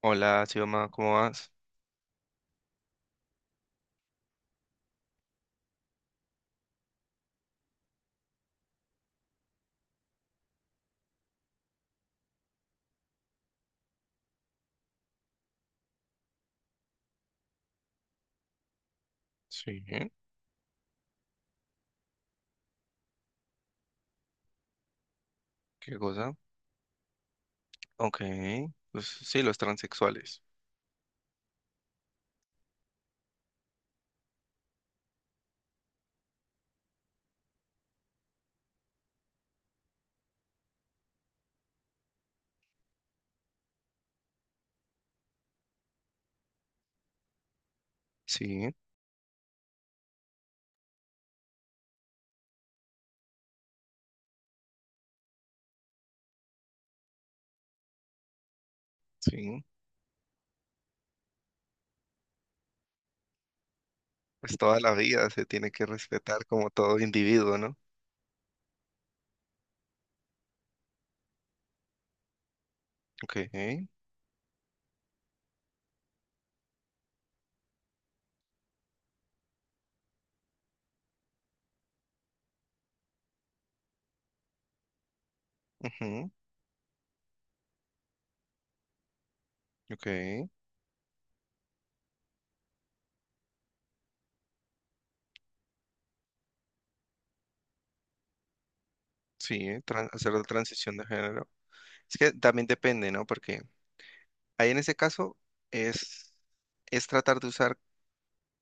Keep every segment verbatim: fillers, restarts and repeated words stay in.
Hola, Xioma, ¿cómo vas? Sí, ¿qué cosa? Ok, pues sí, los transexuales. Sí, sí. Pues toda la vida se tiene que respetar como todo individuo, ¿no? Ok, ujú, ok, sí, tran- hacer la transición de género. Es que también depende, ¿no? Porque ahí en ese caso es, es tratar de usar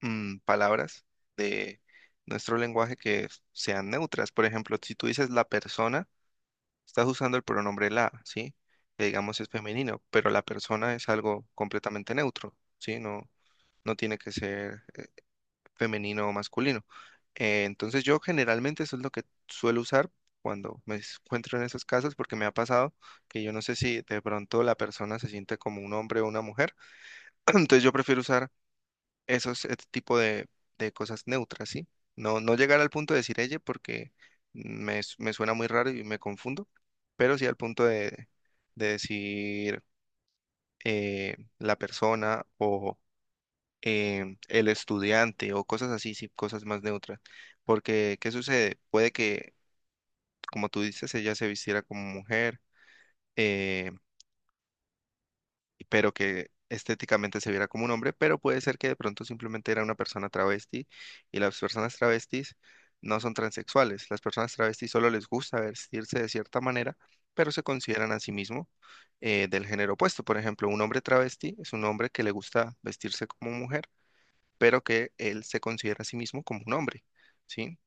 mm, palabras de nuestro lenguaje que sean neutras. Por ejemplo, si tú dices la persona, estás usando el pronombre la, ¿sí? Que digamos es femenino, pero la persona es algo completamente neutro, ¿sí? No, no tiene que ser femenino o masculino. Eh, entonces yo generalmente eso es lo que suelo usar cuando me encuentro en esos casos porque me ha pasado que yo no sé si de pronto la persona se siente como un hombre o una mujer. Entonces yo prefiero usar esos este tipo de, de cosas neutras, ¿sí? No, no llegar al punto de decir ella porque me, s- me suena muy raro y me confundo, pero sí al punto de, de decir eh, la persona o em, el estudiante o cosas así, sí, cosas más neutras. Porque, ¿qué sucede? Puede que, como tú dices, ella se vistiera como mujer, eh, pero que estéticamente se viera como un hombre, pero puede ser que de pronto simplemente era una persona travesti y las personas travestis no son transexuales. Las personas travestis solo les gusta vestirse de cierta manera, pero se consideran a sí mismos eh, del género opuesto. Por ejemplo, un hombre travesti es un hombre que le gusta vestirse como mujer, pero que él se considera a sí mismo como un hombre, ¿sí?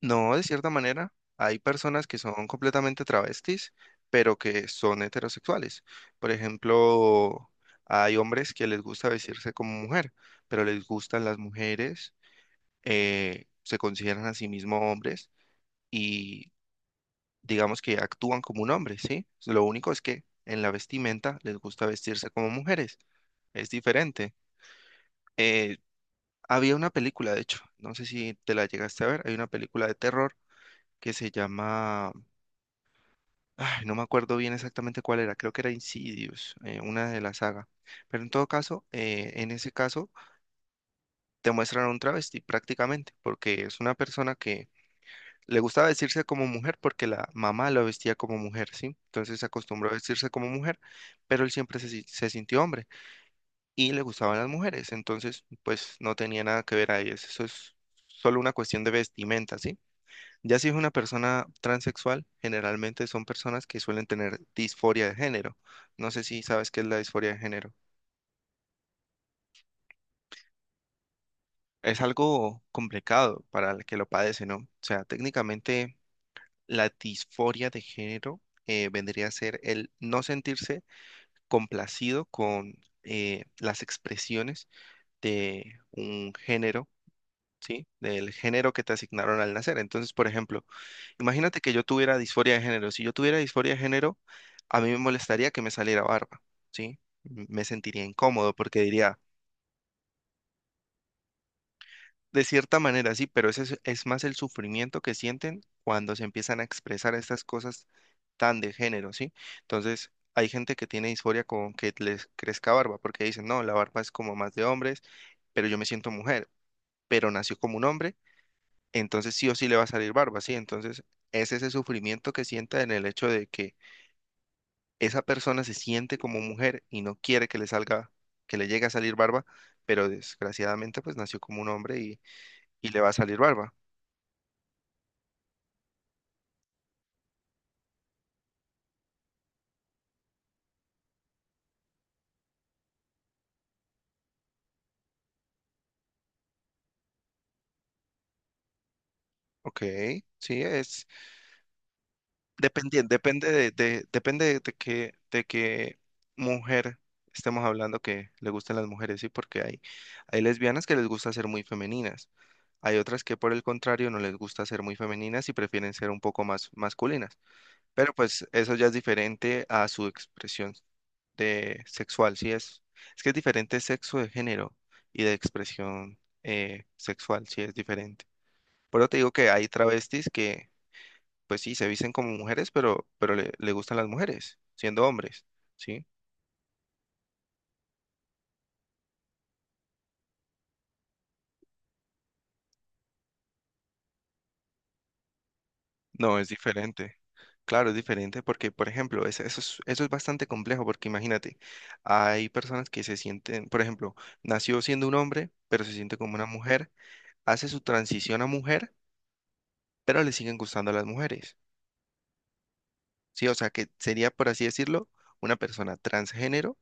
No, de cierta manera, hay personas que son completamente travestis, pero que son heterosexuales. Por ejemplo, hay hombres que les gusta vestirse como mujer, pero les gustan las mujeres, eh, se consideran a sí mismos hombres y digamos que actúan como un hombre, ¿sí? Lo único es que en la vestimenta les gusta vestirse como mujeres, es diferente. Eh, Había una película, de hecho, no sé si te la llegaste a ver, hay una película de terror que se llama... Ay, no me acuerdo bien exactamente cuál era, creo que era Insidious, eh, una de la saga. Pero en todo caso, eh, en ese caso, te muestran a un travesti prácticamente, porque es una persona que le gustaba vestirse como mujer porque la mamá lo vestía como mujer, ¿sí? Entonces se acostumbró a vestirse como mujer, pero él siempre se, si- se sintió hombre y le gustaban las mujeres, entonces pues no tenía nada que ver ahí, es- eso es solo una cuestión de vestimenta, ¿sí? Ya si es una persona transexual, generalmente son personas que suelen tener disforia de género. No sé si sabes qué es la disforia de género. Es algo complicado para el que lo padece, ¿no? O sea, técnicamente la disforia de género eh, vendría a ser el no sentirse complacido con eh, las expresiones de un género, ¿sí? Del género que te asignaron al nacer. Entonces, por ejemplo, imagínate que yo tuviera disforia de género. Si yo tuviera disforia de género, a mí me molestaría que me saliera barba, ¿sí? M- Me sentiría incómodo porque diría, de cierta manera sí, pero ese es, es más el sufrimiento que sienten cuando se empiezan a expresar estas cosas tan de género, ¿sí? Entonces, hay gente que tiene disforia con que les crezca barba porque dicen, no, la barba es como más de hombres, pero yo me siento mujer, pero nació como un hombre, entonces sí o sí le va a salir barba, ¿sí? Entonces, es ese sufrimiento que sienten en el hecho de que esa persona se siente como mujer y no quiere que le salga, que le llegue a salir barba, pero desgraciadamente pues nació como un hombre y, y le va a salir barba. Ok, sí, es dependiente, depende de, de- depende de qué, de qué mujer estemos hablando que le gustan las mujeres, sí, porque hay, hay lesbianas que les gusta ser muy femeninas, hay otras que por el contrario no les gusta ser muy femeninas y prefieren ser un poco más masculinas. Pero pues eso ya es diferente a su expresión de sexual, sí es. Es que es diferente sexo de género y de expresión eh, sexual, sí es diferente. Por eso te digo que hay travestis que, pues sí, se visten como mujeres, pero, pero le, le gustan las mujeres, siendo hombres, ¿sí? No, es diferente. Claro, es diferente porque, por ejemplo, es- eso es, eso es bastante complejo porque imagínate, hay personas que se sienten, por ejemplo, nació siendo un hombre, pero se siente como una mujer, hace su transición a mujer pero le siguen gustando a las mujeres, ¿sí? O sea, que sería, por así decirlo, una persona transgénero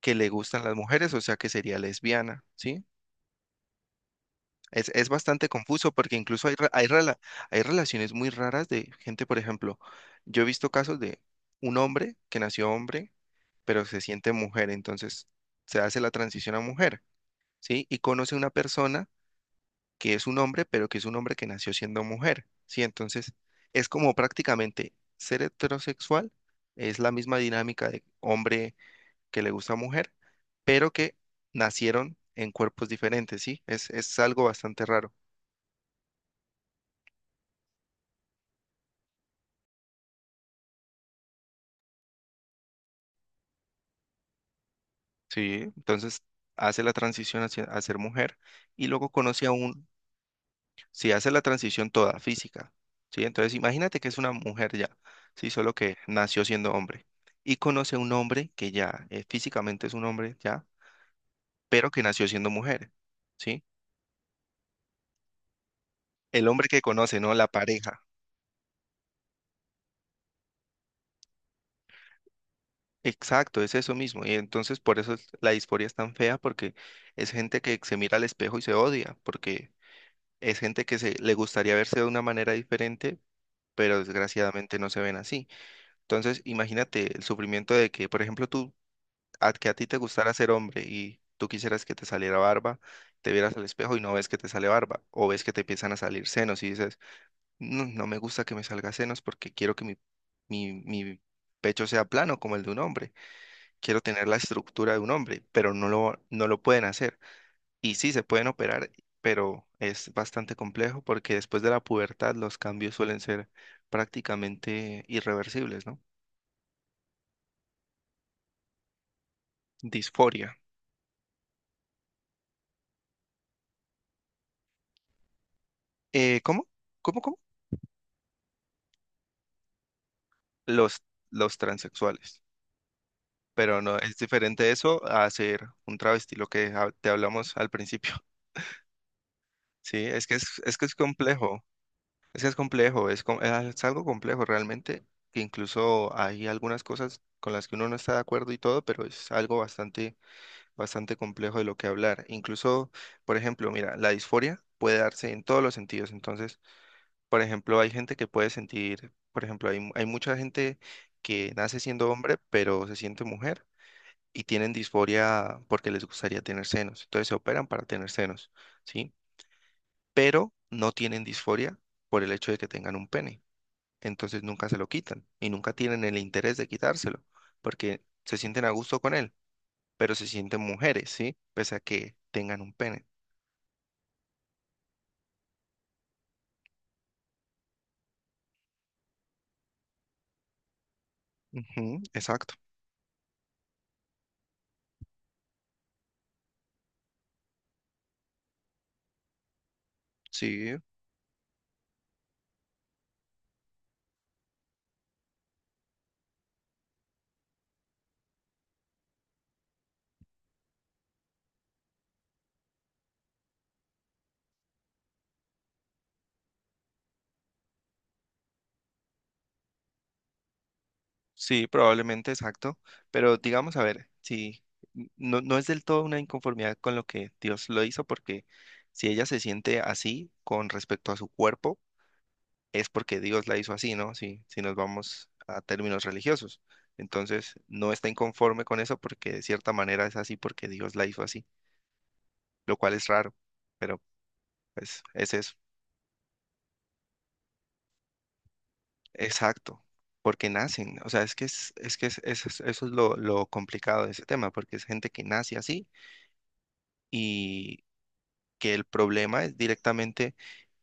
que le gustan las mujeres, o sea, que sería lesbiana, ¿sí? Es, es bastante confuso porque incluso hay, re- hay, rela- hay relaciones muy raras de gente, por ejemplo, yo he visto casos de un hombre que nació hombre, pero se siente mujer, entonces se hace la transición a mujer, ¿sí? Y conoce una persona que es un hombre, pero que es un hombre que nació siendo mujer, ¿sí? Entonces, es como prácticamente ser heterosexual, es la misma dinámica de hombre que le gusta a mujer, pero que nacieron en cuerpos diferentes, ¿sí? Es, es algo bastante raro, ¿sí? Entonces, hace la transición hacia, a ser mujer y luego conoce a un, si hace la transición toda física, ¿sí? Entonces, imagínate que es una mujer ya, ¿sí? Solo que nació siendo hombre. Y conoce a un hombre que ya eh, físicamente es un hombre ya, pero que nació siendo mujer, ¿sí? El hombre que conoce, ¿no? La pareja. Exacto, es eso mismo. Y entonces por eso es- la disforia es tan fea, porque es gente que se mira al espejo y se odia, porque es gente que se, le gustaría verse de una manera diferente, pero desgraciadamente no se ven así. Entonces, imagínate el sufrimiento de que, por ejemplo, tú, a, que a ti te gustara ser hombre y tú quisieras que te saliera barba, te vieras al espejo y no ves que te sale barba, o ves que te empiezan a salir senos y dices, no, no me gusta que me salga senos porque quiero que mi, mi, mi pecho sea plano como el de un hombre. Quiero tener la estructura de un hombre, pero no lo, no lo pueden hacer. Y sí, se pueden operar, pero es bastante complejo porque después de la pubertad los cambios suelen ser prácticamente irreversibles, ¿no? Disforia. Eh, ¿cómo? ¿Cómo, ¿cómo? Los, los transexuales. Pero no, es diferente eso a ser un travesti, lo que hab- te hablamos al principio. Sí, es que es, es que es complejo. Es que es complejo, es, com- ah, es algo complejo realmente, que incluso hay algunas cosas con las que uno no está de acuerdo y todo, pero es algo bastante, bastante complejo de lo que hablar. Incluso, por ejemplo, mira, la disforia puede darse en todos los sentidos. Entonces, por ejemplo, hay gente que puede sentir, por ejemplo, hay, mu- hay mucha gente que nace siendo hombre, pero se siente mujer y tienen disforia porque les gustaría tener senos. Entonces se operan para tener senos, ¿sí? Pero no tienen disforia por el hecho de que tengan un pene entonces nunca se lo quitan y nunca tienen el interés de quitárselo, porque se sienten a gusto con él, pero se sienten mujeres, ¿sí? Pese a que tengan un pene. Ujú, exacto. Sí, sí, probablemente exacto. Pero digamos, a ver, sí, n- no, no es del todo una inconformidad con lo que Dios lo hizo, porque si ella se siente así con respecto a su cuerpo, es porque Dios la hizo así, ¿no? Si, si nos vamos a términos religiosos. Entonces, no está inconforme con eso porque de cierta manera es así porque Dios la hizo así, lo cual es raro, pero pues es eso. Exacto, porque nacen, o sea, es que es, es que es- eso es, eso es lo, lo complicado de ese tema, porque es gente que nace así y que el problema es directamente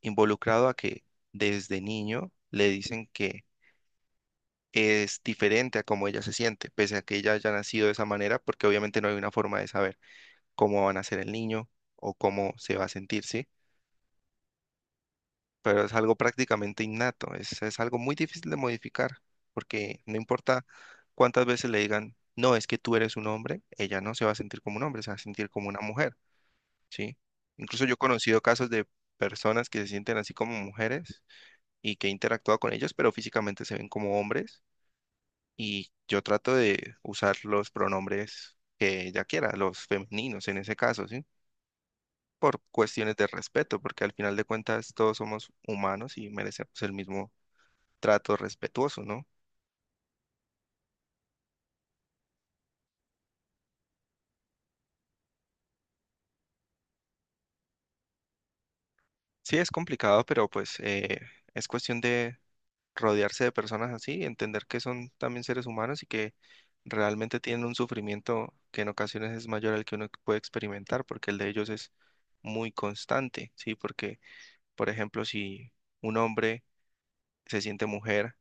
involucrado a que desde niño le dicen que es diferente a cómo ella se siente, pese a que ella haya nacido de esa manera, porque obviamente no hay una forma de saber cómo va a nacer el niño o cómo se va a sentir, ¿sí? Pero es algo prácticamente innato, es, es algo muy difícil de modificar, porque no importa cuántas veces le digan, no, es que tú eres un hombre, ella no se va a sentir como un hombre, se va a sentir como una mujer, ¿sí? Incluso yo he conocido casos de personas que se sienten así como mujeres y que he interactuado con ellos, pero físicamente se ven como hombres y yo trato de usar los pronombres que ella quiera, los femeninos en ese caso, ¿sí? Por cuestiones de respeto, porque al final de cuentas todos somos humanos y merecemos el mismo trato respetuoso, ¿no? Sí, es complicado, pero pues eh, es cuestión de rodearse de personas así, entender que son también seres humanos y que realmente tienen un sufrimiento que en ocasiones es mayor al que uno puede experimentar, porque el de ellos es muy constante, ¿sí? Porque, por ejemplo, si un hombre se siente mujer,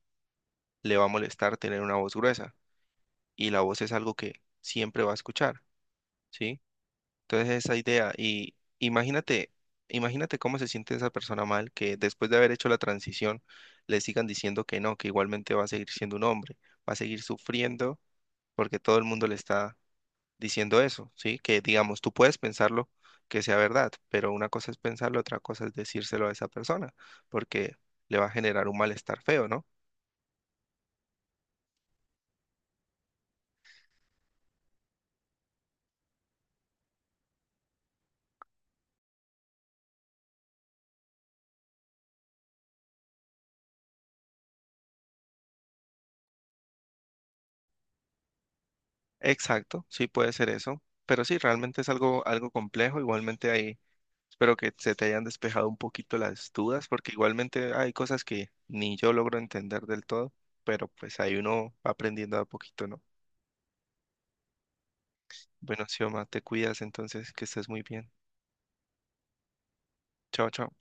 le va a molestar tener una voz gruesa y la voz es algo que siempre va a escuchar, ¿sí? Entonces esa idea y imagínate, imagínate cómo se siente esa persona mal que después de haber hecho la transición le sigan diciendo que no, que igualmente va a seguir siendo un hombre, va a seguir sufriendo porque todo el mundo le está diciendo eso, ¿sí? Que digamos, tú puedes pensarlo que sea verdad, pero una cosa es pensarlo, otra cosa es decírselo a esa persona, porque le va a generar un malestar feo, ¿no? Exacto, sí puede ser eso, pero sí, realmente es algo, algo complejo. Igualmente ahí espero que se te hayan despejado un poquito las dudas, porque igualmente hay cosas que ni yo logro entender del todo, pero pues ahí uno va aprendiendo a poquito, ¿no? Bueno, Xioma, te cuidas entonces, que estés muy bien. Chao, chao.